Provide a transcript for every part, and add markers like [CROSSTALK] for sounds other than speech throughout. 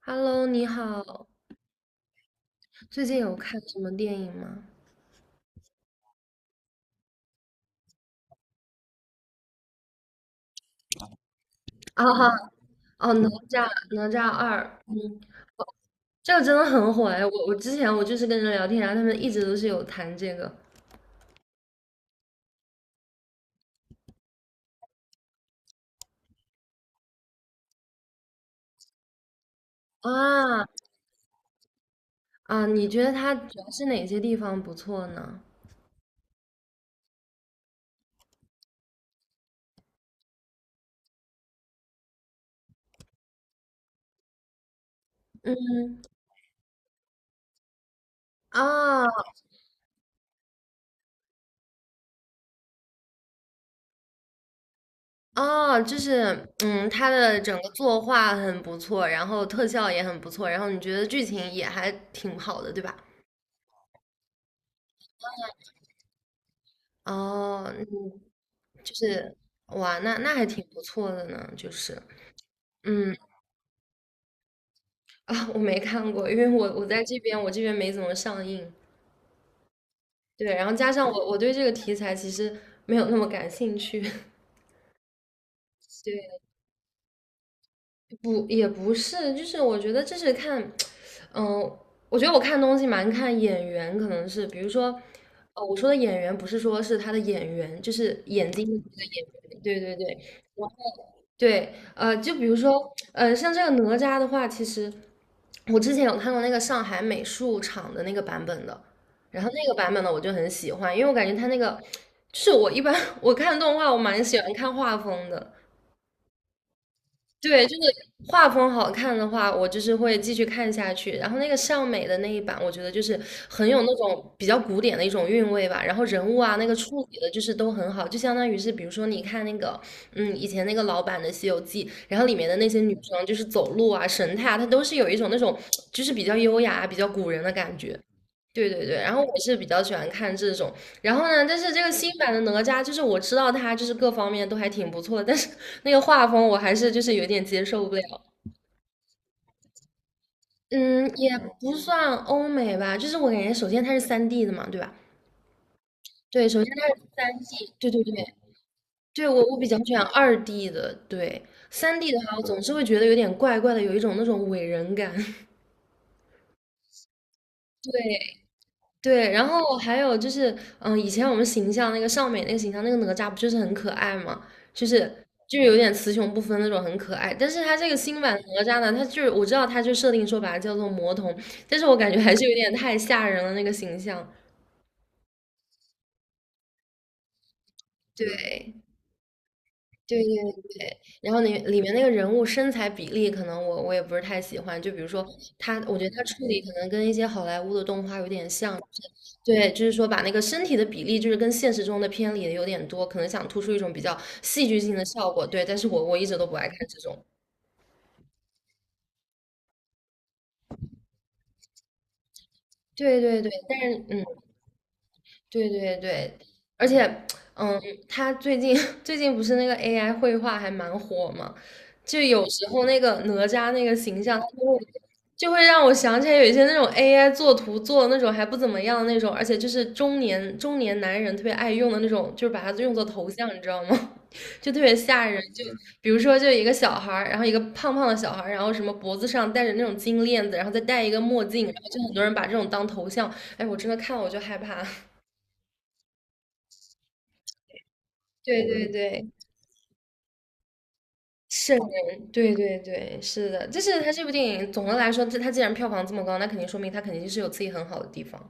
Hello，你好，最近有看什么电影吗？啊哈，哦，哪吒，哪吒2，嗯，这个真的很火哎，我之前我就是跟人聊天，然后他们一直都是有谈这个。啊啊，你觉得它主要是哪些地方不错呢？嗯，啊啊，就是嗯，它的整个作画很不错，然后特效也很不错，然后你觉得剧情也还挺好的，对吧？哦，嗯，就是哇，那那还挺不错的呢，就是。嗯，[LAUGHS] 啊，我没看过，因为我在这边，我这边没怎么上映。对，然后加上我对这个题材其实没有那么感兴趣。[LAUGHS] 对，不也不是，就是我觉得这是看，嗯、我觉得我看东西蛮看眼缘，可能是比如说，我说的演员不是说是他的演员，就是眼睛的那个演员。对对对，对，就比如说，像这个哪吒的话，其实我之前有看过那个上海美术厂的那个版本的，然后那个版本呢，我就很喜欢，因为我感觉它那个，就是我一般 [LAUGHS] 我看动画，我蛮喜欢看画风的，对，就是画风好看的话，我就是会继续看下去。然后那个尚美的那一版，我觉得就是很有那种比较古典的一种韵味吧。然后人物啊，那个处理的就是都很好，就相当于是比如说你看那个，嗯，以前那个老版的《西游记》，然后里面的那些女生就是走路啊、神态啊，她都是有一种那种就是比较优雅、比较古人的感觉。对对对，然后我是比较喜欢看这种，然后呢，但是这个新版的哪吒，就是我知道它就是各方面都还挺不错的，但是那个画风我还是就是有点接受不了。嗯，也不算欧美吧，就是我感觉首先它是三 d 的嘛，对吧？对，首先它是三 d 对对对，对我比较喜欢二 d 的，对3D 的话，我总是会觉得有点怪怪的，有一种那种伪人感。[LAUGHS] 对对，然后还有就是，嗯，以前我们形象那个尚美那个形象，那个哪吒不就是很可爱嘛，就是有点雌雄不分那种，很可爱。但是他这个新版的哪吒呢，他就是我知道他就设定说把它叫做魔童，但是我感觉还是有点太吓人了那个形象。对对对对，然后里面那个人物身材比例，可能我也不是太喜欢。就比如说他，我觉得他处理可能跟一些好莱坞的动画有点像，对，就是说把那个身体的比例，就是跟现实中的偏离的有点多，可能想突出一种比较戏剧性的效果。对，但是我一直都不爱看这种。对对对，但是嗯，对对对，而且嗯，他最近 [LAUGHS] 最近不是那个 AI 绘画还蛮火嘛，就有时候那个哪吒那个形象，就会让我想起来有一些那种 AI 做图做的那种还不怎么样的那种，而且就是中年男人特别爱用的那种，就是把它用作头像，你知道吗？[LAUGHS] 就特别吓人。就比如说，就一个小孩儿，然后一个胖胖的小孩儿，然后什么脖子上戴着那种金链子，然后再戴一个墨镜，然后就很多人把这种当头像。哎，我真的看了我就害怕。[LAUGHS] 对对对，瘆人。对对对，是的，就是他这部电影总的来说，这他既然票房这么高，那肯定说明他肯定是有自己很好的地方。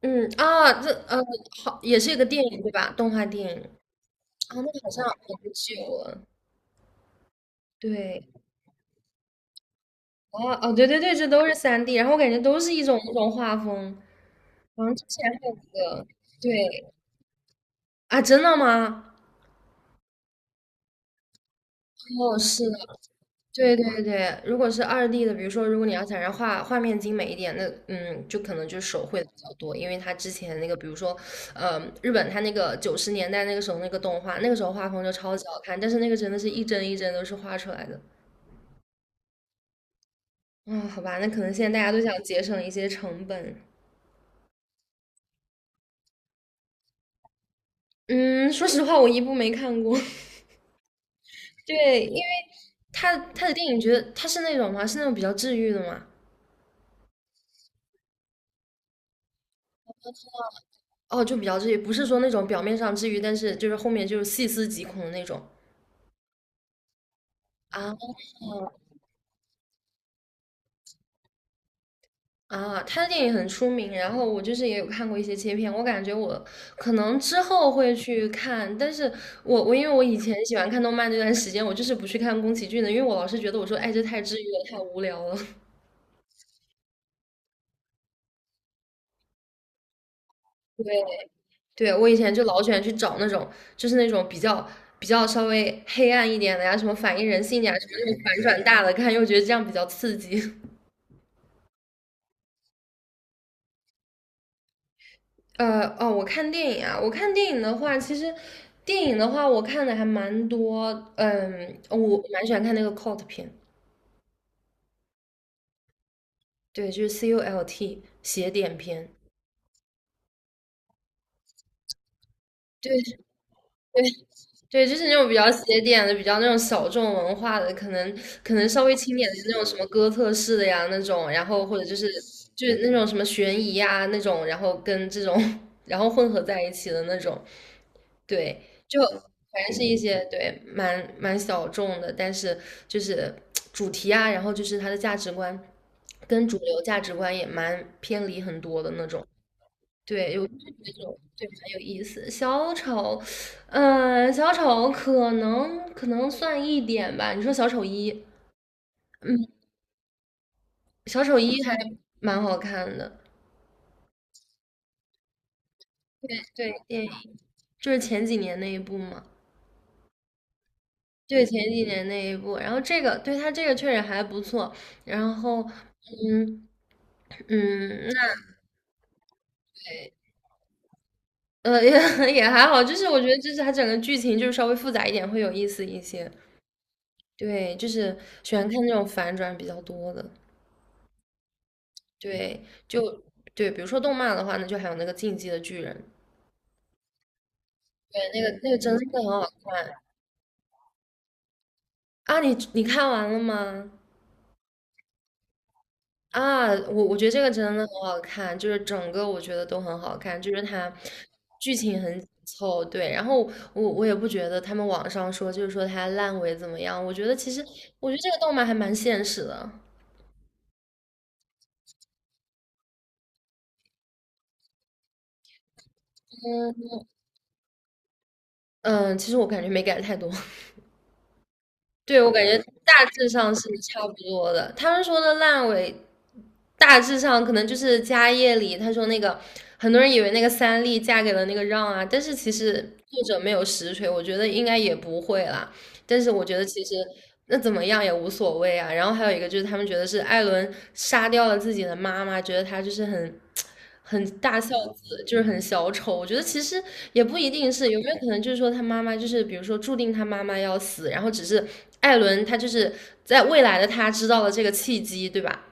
嗯啊，这好，也是一个电影对吧？动画电影啊，那好像很久了。对，啊哦，对对对，这都是三 d 然后我感觉都是一种那种画风。好像之前还有一个，对啊，真的吗？哦，是的，对对对。如果是二 d 的，比如说如果你要想让画面精美一点，那嗯，就可能就手绘的比较多，因为它之前那个，比如说，日本它那个90年代那个时候那个动画，那个时候画风就超级好看，但是那个真的是一帧一帧都是画出来的。啊，好吧，那可能现在大家都想节省一些成本。嗯，说实话，我一部没看过。[LAUGHS] 对，因为他的电影，觉得他是那种吗？是那种比较治愈的嘛。哦，就比较治愈，不是说那种表面上治愈，但是就是后面就是细思极恐的那种啊啊！他的电影很出名，然后我就是也有看过一些切片，我感觉我可能之后会去看，但是我因为我以前喜欢看动漫那段时间，我就是不去看宫崎骏的，因为我老是觉得我说，哎，这太治愈了，太无聊了。对，我以前就老喜欢去找那种，就是那种比较稍微黑暗一点的呀，什么反映人性的呀，什么那种反转大的看，又觉得这样比较刺激。[LAUGHS] 哦，我看电影啊，我看电影的话，其实电影的话，我看的还蛮多。嗯，我蛮喜欢看那个 cult 片，对，就是 CULT 邪典片。对对，就是那种比较邪典的、比较那种小众文化的，可能稍微轻点的那种什么哥特式的呀那种，然后或者就是那种什么悬疑呀那种，然后跟这种 [LAUGHS] 然后混合在一起的那种，对，就反正是一些对蛮小众的，但是就是主题啊，然后就是它的价值观跟主流价值观也蛮偏离很多的那种。对，有，就觉得这种对蛮有意思。小丑，嗯、小丑可能算一点吧。你说小丑一，嗯，小丑一还蛮好看的。对，电影就是前几年那一部嘛。对，前几年那一部。然后这个，对他这个确实还不错。然后，嗯嗯，那也 [LAUGHS] 也还好，就是我觉得就是它整个剧情就是稍微复杂一点，会有意思一些。对，就是喜欢看那种反转比较多的。对，就对，比如说动漫的话，那就还有那个《进击的巨人》，对，那个那个真的很好。啊！你看完了吗？啊，我觉得这个真的很好看，就是整个我觉得都很好看，就是它剧情很紧凑，对。然后我也不觉得他们网上说就是说它烂尾怎么样，我觉得其实我觉得这个动漫还蛮现实的，嗯，其实我感觉没改太多，对，我感觉大致上是差不多的。他们说的烂尾，大致上可能就是家业里，他说那个很多人以为那个三笠嫁给了那个让啊，但是其实作者没有实锤，我觉得应该也不会啦。但是我觉得其实那怎么样也无所谓啊。然后还有一个就是他们觉得是艾伦杀掉了自己的妈妈，觉得他就是很大孝子，就是很小丑。我觉得其实也不一定是，有没有可能就是说他妈妈就是比如说注定他妈妈要死，然后只是艾伦他就是在未来的他知道了这个契机，对吧？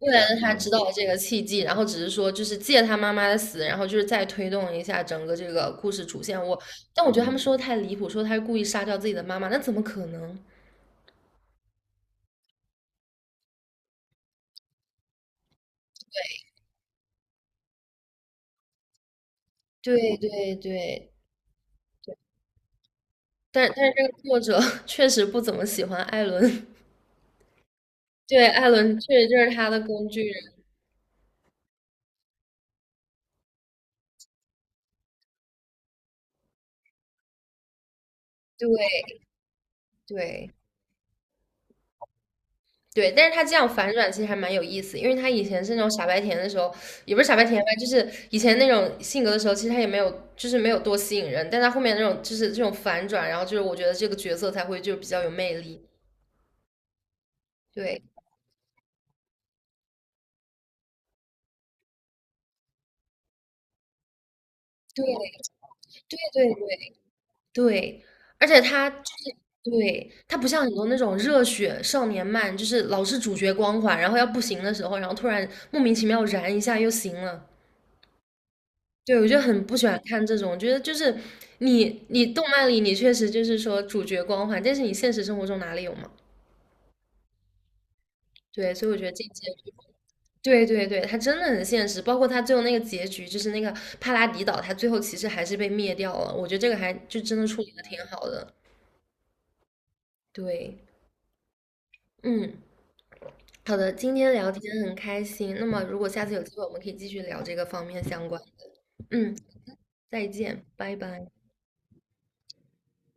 未来的他知道了这个契机，然后只是说就是借他妈妈的死，然后就是再推动一下整个这个故事主线。我，但我觉得他们说的太离谱，说他是故意杀掉自己的妈妈，那怎么可能？对对对，但是这个作者 [LAUGHS] 确实不怎么喜欢艾伦，[LAUGHS] 对，艾伦确实就是他的工具人，对对。对，但是他这样反转其实还蛮有意思，因为他以前是那种傻白甜的时候，也不是傻白甜吧，就是以前那种性格的时候，其实他也没有，就是没有多吸引人，但他后面那种就是这种反转，然后就是我觉得这个角色才会就比较有魅力。对，对，对，对，对，对，而且他就是对他不像很多那种热血少年漫，就是老是主角光环，然后要不行的时候，然后突然莫名其妙燃一下又行了。对，我就很不喜欢看这种，我觉得就是你动漫里你确实就是说主角光环，但是你现实生活中哪里有嘛？对，所以我觉得这一届就对对对，它真的很现实，包括它最后那个结局，就是那个帕拉迪岛，它最后其实还是被灭掉了，我觉得这个还就真的处理的挺好的。对，嗯，好的，今天聊天很开心，那么如果下次有机会，我们可以继续聊这个方面相关。嗯，再见，拜拜。